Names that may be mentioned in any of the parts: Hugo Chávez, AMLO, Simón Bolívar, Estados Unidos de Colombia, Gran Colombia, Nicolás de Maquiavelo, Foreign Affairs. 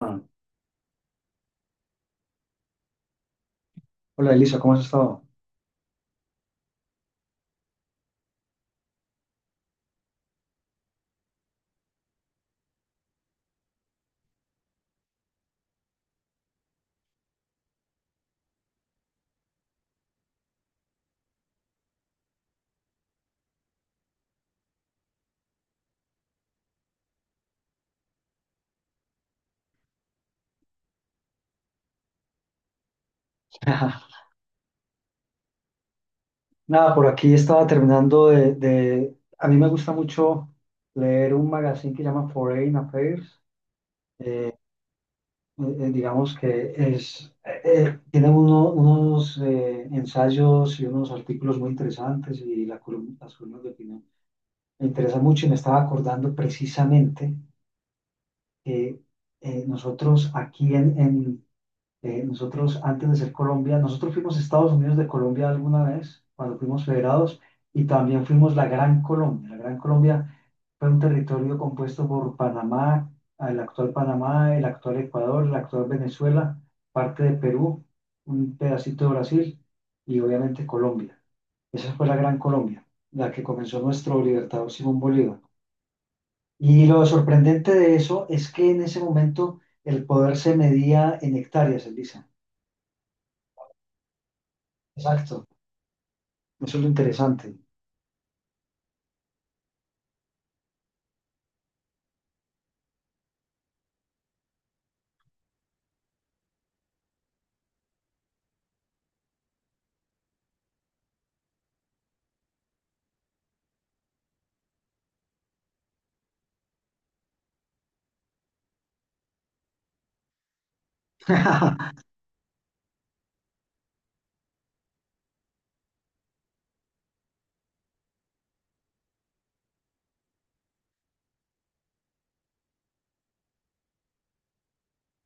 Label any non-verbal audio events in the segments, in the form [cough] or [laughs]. Ah, hola Elisa, ¿cómo has estado? [laughs] Nada, por aquí estaba terminando de. A mí me gusta mucho leer un magazine que llama Foreign Affairs. Eh, digamos que es, tiene unos ensayos y unos artículos muy interesantes y las columnas de opinión. Me interesa mucho y me estaba acordando precisamente que nosotros aquí en nosotros, antes de ser Colombia, nosotros fuimos Estados Unidos de Colombia alguna vez, cuando fuimos federados, y también fuimos la Gran Colombia. La Gran Colombia fue un territorio compuesto por Panamá, el actual Ecuador, el actual Venezuela, parte de Perú, un pedacito de Brasil y obviamente Colombia. Esa fue la Gran Colombia, la que comenzó nuestro libertador Simón Bolívar. Y lo sorprendente de eso es que en ese momento el poder se medía en hectáreas, Elisa. Exacto, eso es lo interesante.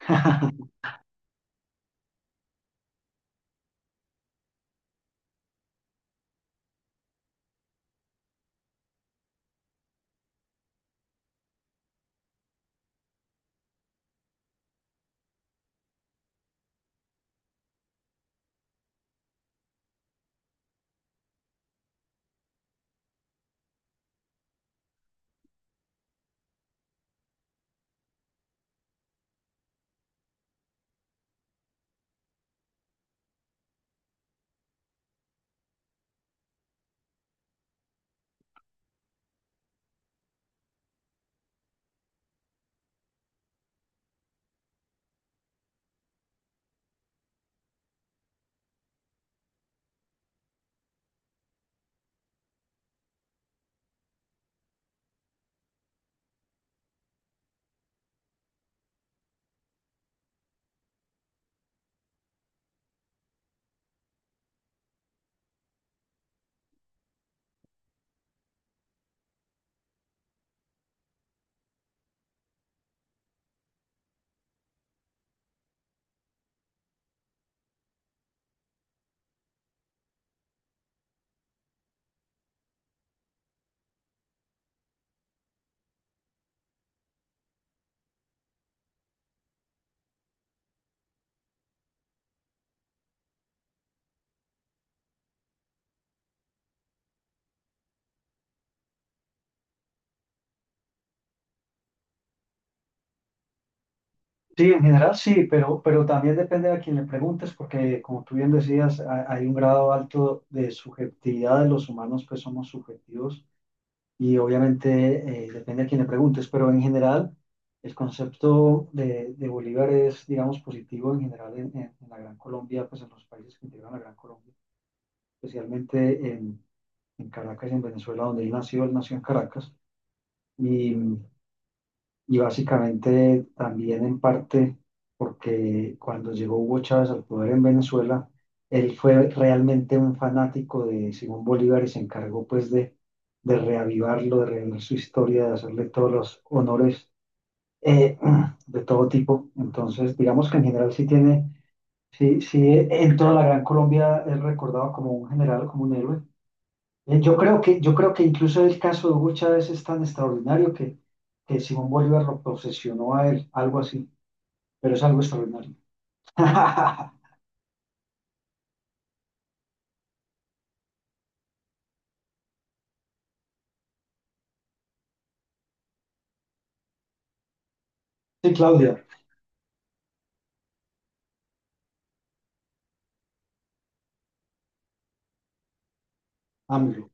[laughs] Sí, en general sí, pero también depende a quien le preguntes, porque como tú bien decías, hay un grado alto de subjetividad de los humanos, pues somos subjetivos y obviamente depende a quien le preguntes, pero en general el concepto de Bolívar es, digamos, positivo en general en la Gran Colombia, pues en los países que integran la Gran Colombia, especialmente en, en Caracas y en Venezuela, donde él nació en Caracas. Y, Y básicamente también en parte porque cuando llegó Hugo Chávez al poder en Venezuela, él fue realmente un fanático de Simón Bolívar y se encargó pues de reavivarlo, de reavivar su historia, de hacerle todos los honores eh, [clears throat] de todo tipo. Entonces, digamos que en general sí tiene, sí, sí, en toda la Gran Colombia es recordado como un general, como un héroe. Yo creo que incluso el caso de Hugo Chávez es tan extraordinario que Simón Bolívar lo posesionó a él, algo así, pero es algo extraordinario. [laughs] Sí, Claudia, AMLO.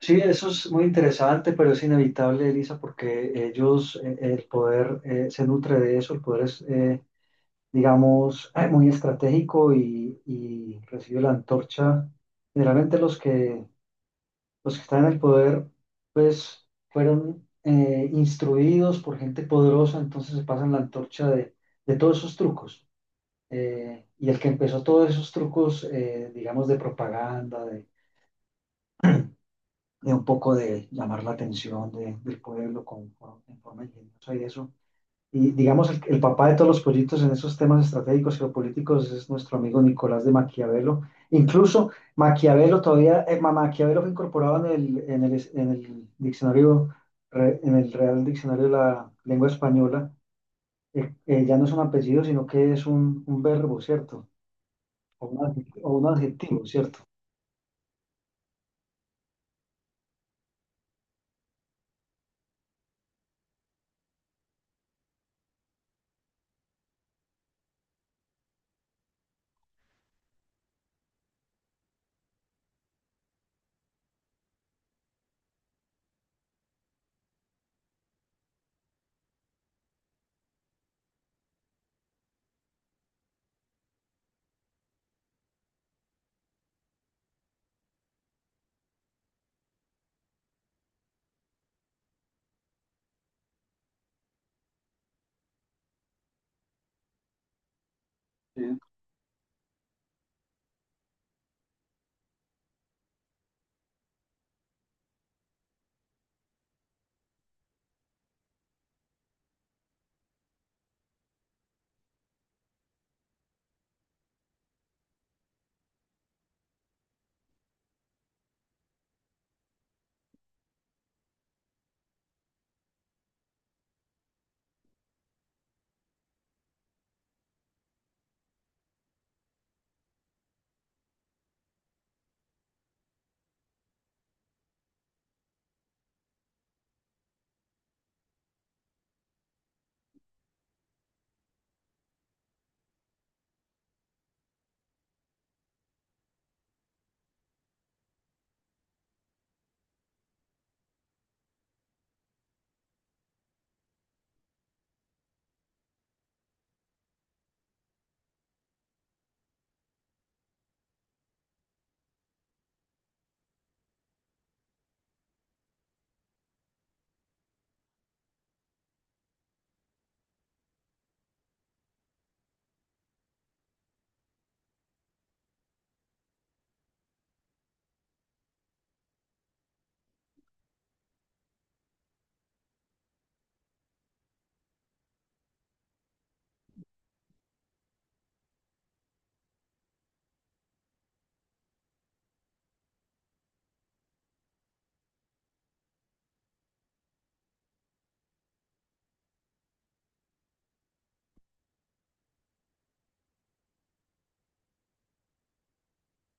Sí, eso es muy interesante, pero es inevitable, Elisa, porque ellos, el poder se nutre de eso, el poder es, digamos, muy estratégico y recibe la antorcha. Generalmente los que Los que están en el poder, pues, fueron instruidos por gente poderosa, entonces se pasan la antorcha de todos esos trucos. Y el que empezó todos esos trucos, digamos, de propaganda, de un poco de llamar la atención del pueblo con, en forma ingeniosa y eso y digamos, el papá de todos los proyectos en esos temas estratégicos geopolíticos es nuestro amigo Nicolás de Maquiavelo. Incluso Maquiavelo todavía, Maquiavelo fue incorporado en el, en el, en el diccionario, en el Real Diccionario de la Lengua Española. Ya no es un apellido, sino que es un verbo, ¿cierto? O un, o un adjetivo, ¿cierto? Sí.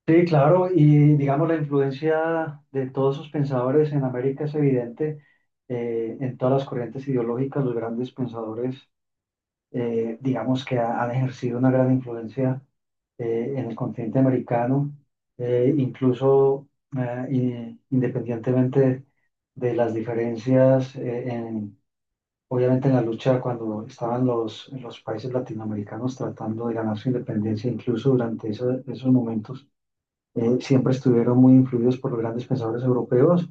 Sí, claro, y digamos la influencia de todos esos pensadores en América es evidente, en todas las corrientes ideológicas, los grandes pensadores, digamos que han ejercido una gran influencia en el continente americano, incluso, independientemente de las diferencias, obviamente en la lucha cuando estaban los países latinoamericanos tratando de ganar su independencia, incluso durante esos momentos, siempre estuvieron muy influidos por los grandes pensadores europeos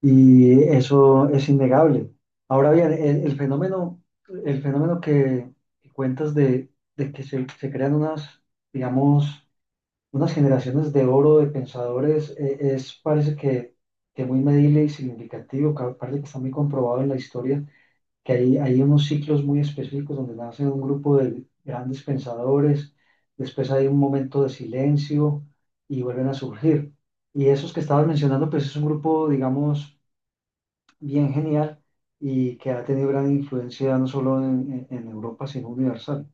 y eso es innegable. Ahora bien, el fenómeno que cuentas de que se crean unas, digamos, unas generaciones de oro de pensadores, es, parece que muy medible y significativo, parece que está muy comprobado en la historia que hay unos ciclos muy específicos donde nace un grupo de grandes pensadores, después hay un momento de silencio y vuelven a surgir. Y esos que estabas mencionando, pues es un grupo, digamos, bien genial y que ha tenido gran influencia no solo en Europa, sino universal.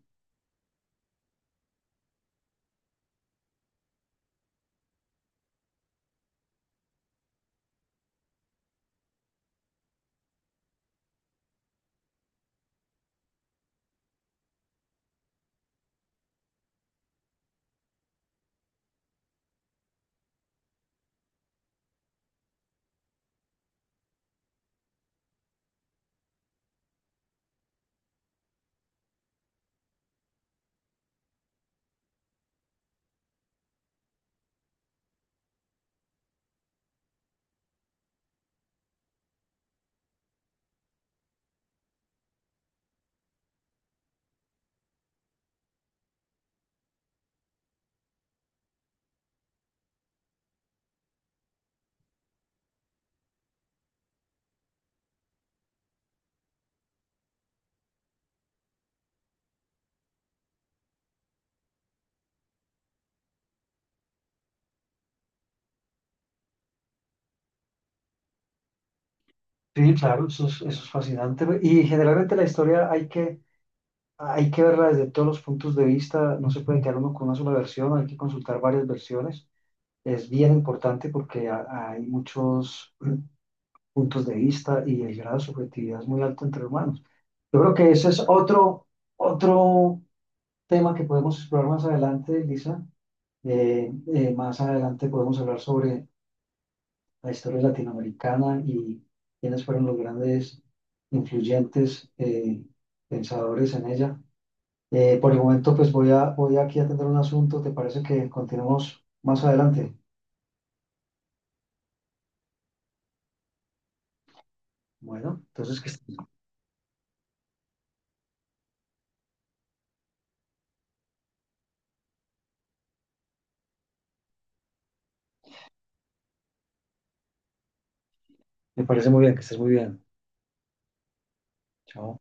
Sí, claro, eso es fascinante. Y generalmente la historia hay que verla desde todos los puntos de vista, no se puede quedar uno con una sola versión, hay que consultar varias versiones. Es bien importante porque hay muchos puntos de vista y el grado de subjetividad es muy alto entre humanos. Yo creo que ese es otro, otro tema que podemos explorar más adelante, Lisa. Más adelante podemos hablar sobre la historia latinoamericana y quiénes fueron los grandes influyentes pensadores en ella. Por el momento, pues voy aquí a atender un asunto. ¿Te parece que continuemos más adelante? Bueno, entonces me parece muy bien, que estés muy bien. Chao.